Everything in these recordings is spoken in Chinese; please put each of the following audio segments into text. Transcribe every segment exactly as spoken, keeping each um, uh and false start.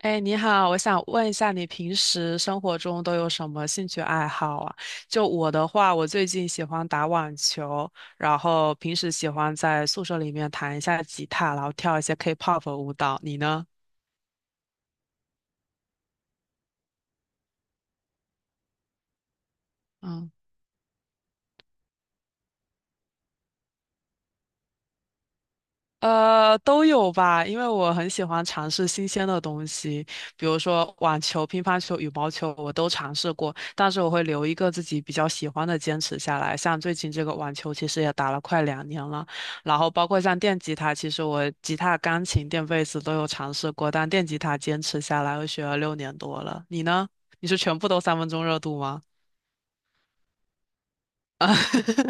哎，你好，我想问一下，你平时生活中都有什么兴趣爱好啊？就我的话，我最近喜欢打网球，然后平时喜欢在宿舍里面弹一下吉他，然后跳一些 K-pop 舞蹈。你呢？嗯。呃，都有吧，因为我很喜欢尝试新鲜的东西，比如说网球、乒乓球、羽毛球，我都尝试过，但是我会留一个自己比较喜欢的坚持下来。像最近这个网球，其实也打了快两年了，然后包括像电吉他，其实我吉他、钢琴、电贝斯都有尝试过，但电吉他坚持下来，我学了六年多了。你呢？你是全部都三分钟热度吗？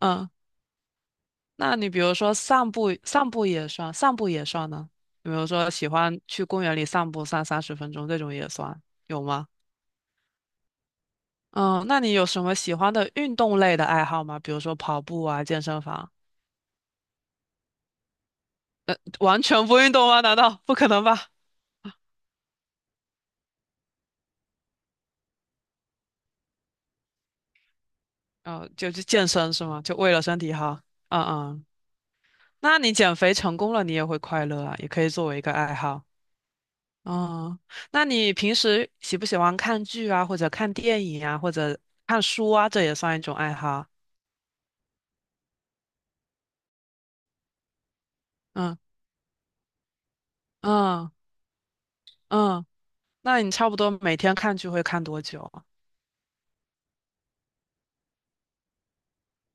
嗯，那你比如说散步，散步也算，散步也算呢？比如说喜欢去公园里散步散三十分钟这种也算，有吗？嗯，那你有什么喜欢的运动类的爱好吗？比如说跑步啊，健身房，完全不运动吗？难道不可能吧？嗯，就去健身是吗？就为了身体好。嗯嗯，那你减肥成功了，你也会快乐啊，也可以作为一个爱好。嗯，那你平时喜不喜欢看剧啊，或者看电影啊，或者看书啊？这也算一种爱好啊。嗯，嗯嗯，那你差不多每天看剧会看多久啊？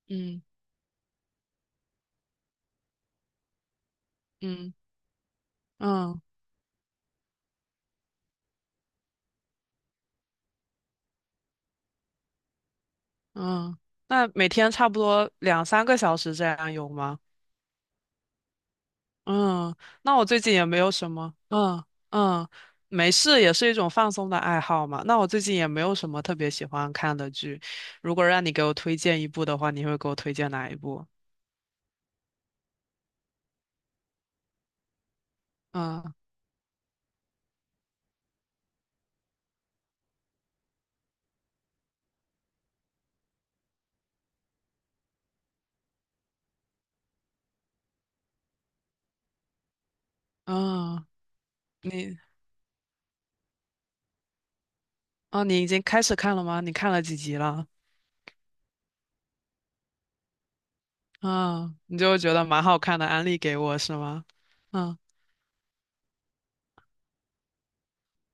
嗯嗯嗯嗯，那每天差不多两三个小时这样有吗？嗯，那我最近也没有什么，嗯嗯，没事，也是一种放松的爱好嘛。那我最近也没有什么特别喜欢看的剧，如果让你给我推荐一部的话，你会给我推荐哪一部？嗯嗯，你哦，你已经开始看了吗？你看了几集了？嗯，你就觉得蛮好看的，安利给我是吗？嗯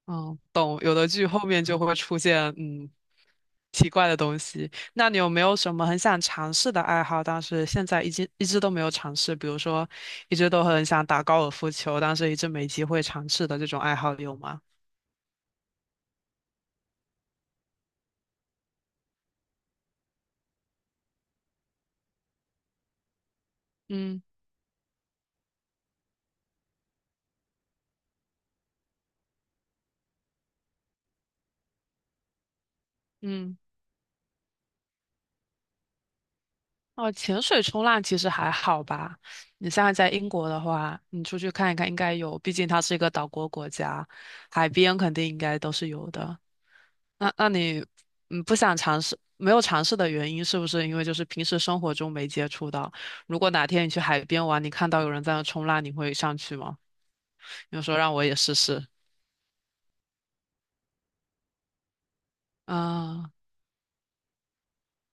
嗯，懂。有的剧后面就会出现嗯奇怪的东西。那你有没有什么很想尝试的爱好，但是现在一直一直都没有尝试？比如说，一直都很想打高尔夫球，但是一直没机会尝试的这种爱好有吗？嗯嗯，哦，潜水冲浪其实还好吧。你现在在英国的话，你出去看一看，应该有，毕竟它是一个岛国国家，海边肯定应该都是有的。那那你嗯不想尝试，没有尝试的原因是不是因为就是平时生活中没接触到？如果哪天你去海边玩，你看到有人在那冲浪，你会上去吗？你就说让我也试试。啊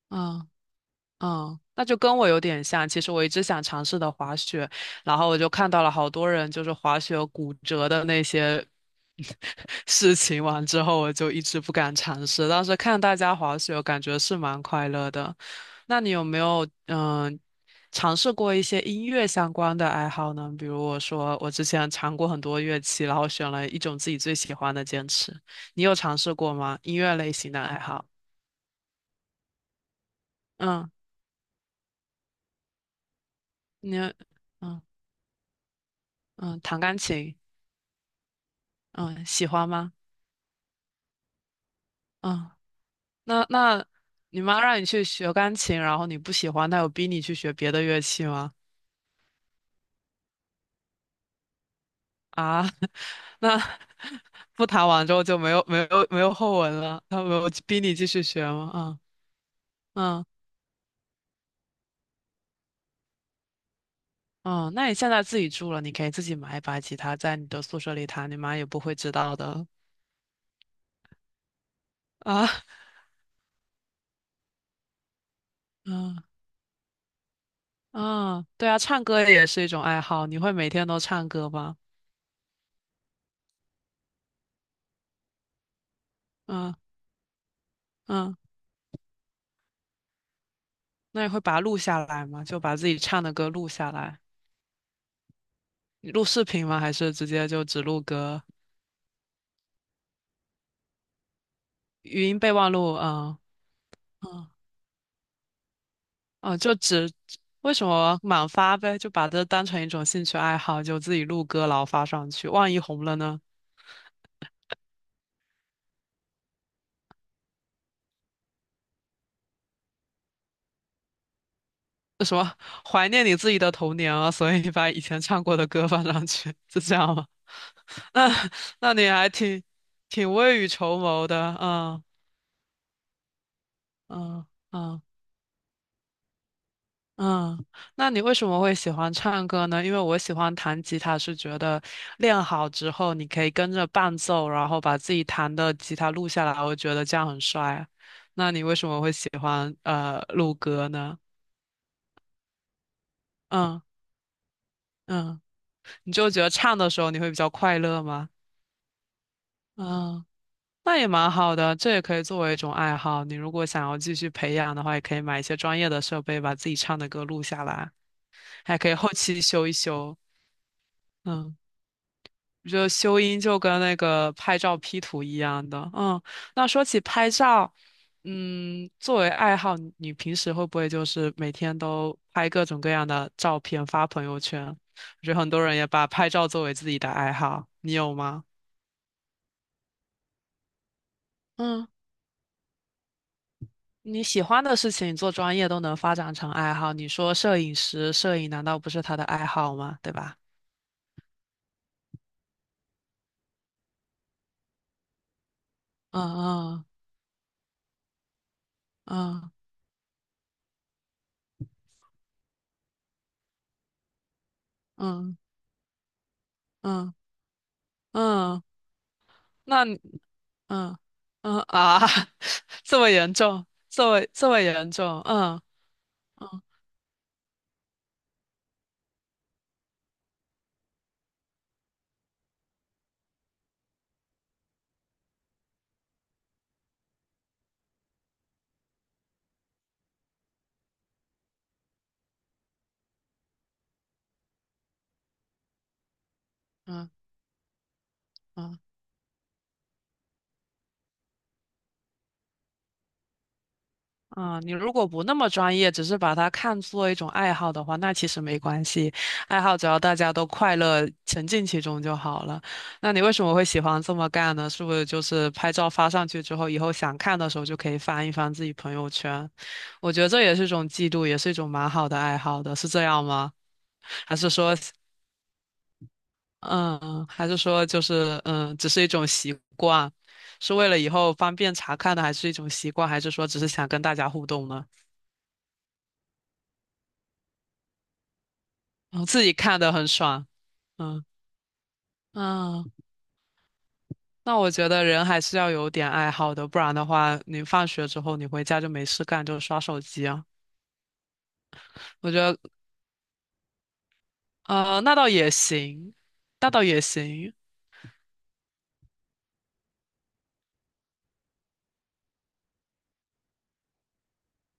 啊嗯，那就跟我有点像。其实我一直想尝试的滑雪，然后我就看到了好多人就是滑雪骨折的那些 事情，完之后我就一直不敢尝试。当时看大家滑雪，感觉是蛮快乐的。那你有没有嗯尝试过一些音乐相关的爱好呢？比如我说我之前尝过很多乐器，然后选了一种自己最喜欢的坚持。你有尝试过吗？音乐类型的爱好？嗯，你嗯。嗯，弹钢琴，嗯，喜欢吗？嗯，那那你妈让你去学钢琴，然后你不喜欢，她有逼你去学别的乐器吗？啊，那不弹完之后就没有没有没有后文了，她没有逼你继续学吗？啊嗯嗯，那你现在自己住了，你可以自己买一把吉他，在你的宿舍里弹，你妈也不会知道的啊。嗯嗯，对啊，唱歌也是一种爱好，你会每天都唱歌吗？嗯嗯。那你会把它录下来吗？就把自己唱的歌录下来，你录视频吗？还是直接就只录歌？语音备忘录，嗯嗯嗯，就只为什么满发呗？就把这当成一种兴趣爱好，就自己录歌，然后发上去。万一红了呢？那什么，怀念你自己的童年啊，所以你把以前唱过的歌放上去，是这样吗？那那你还挺挺未雨绸缪的，嗯嗯嗯。嗯，那你为什么会喜欢唱歌呢？因为我喜欢弹吉他，是觉得练好之后，你可以跟着伴奏，然后把自己弹的吉他录下来，我觉得这样很帅。那你为什么会喜欢呃录歌呢？嗯嗯，你就觉得唱的时候你会比较快乐吗？嗯，那也蛮好的，这也可以作为一种爱好。你如果想要继续培养的话，也可以买一些专业的设备，把自己唱的歌录下来，还可以后期修一修。嗯。就修音就跟那个拍照 P 图一样的，嗯。那说起拍照，嗯，作为爱好，你你平时会不会就是每天都拍各种各样的照片发朋友圈？我觉得很多人也把拍照作为自己的爱好，你有吗？嗯，你喜欢的事情做专业都能发展成爱好，你说摄影师，摄影难道不是他的爱好吗？对吧？嗯嗯嗯嗯嗯嗯，那嗯嗯啊，这么严重，这么这么严重，嗯嗯嗯嗯嗯，你如果不那么专业，只是把它看作一种爱好的话，那其实没关系，爱好只要大家都快乐，沉浸其中就好了。那你为什么会喜欢这么干呢？是不是就是拍照发上去之后，以后想看的时候就可以翻一翻自己朋友圈？我觉得这也是一种记录，也是一种蛮好的爱好的，是这样吗？还是说嗯，还是说就是嗯，只是一种习惯，是为了以后方便查看的，还是一种习惯，还是说只是想跟大家互动呢？嗯，自己看的很爽，嗯嗯，那我觉得人还是要有点爱好的，不然的话，你放学之后你回家就没事干，就刷手机啊。我觉得呃，那倒也行，那倒也行，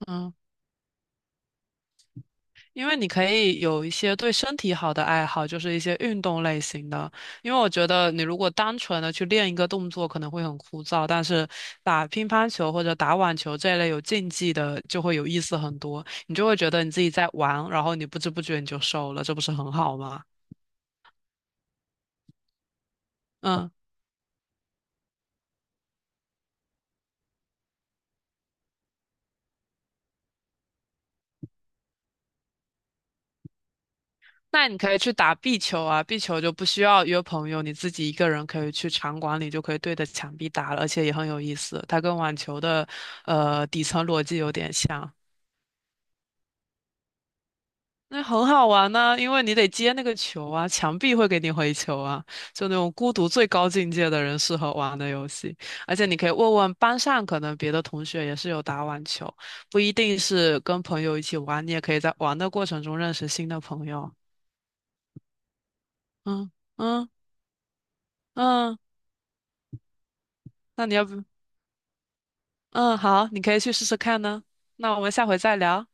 嗯。因为你可以有一些对身体好的爱好，就是一些运动类型的。因为我觉得你如果单纯的去练一个动作，可能会很枯燥，但是打乒乓球或者打网球这一类有竞技的，就会有意思很多。你就会觉得你自己在玩，然后你不知不觉你就瘦了，这不是很好吗？嗯，那你可以去打壁球啊，壁球就不需要约朋友，你自己一个人可以去场馆里就可以对着墙壁打了，而且也很有意思。它跟网球的呃底层逻辑有点像。那很好玩呢、因为你得接那个球啊，墙壁会给你回球啊，就那种孤独最高境界的人适合玩的游戏。而且你可以问问班上，可能别的同学也是有打网球，不一定是跟朋友一起玩，你也可以在玩的过程中认识新的朋友。嗯嗯嗯，那你要不，嗯，好，你可以去试试看呢。那我们下回再聊。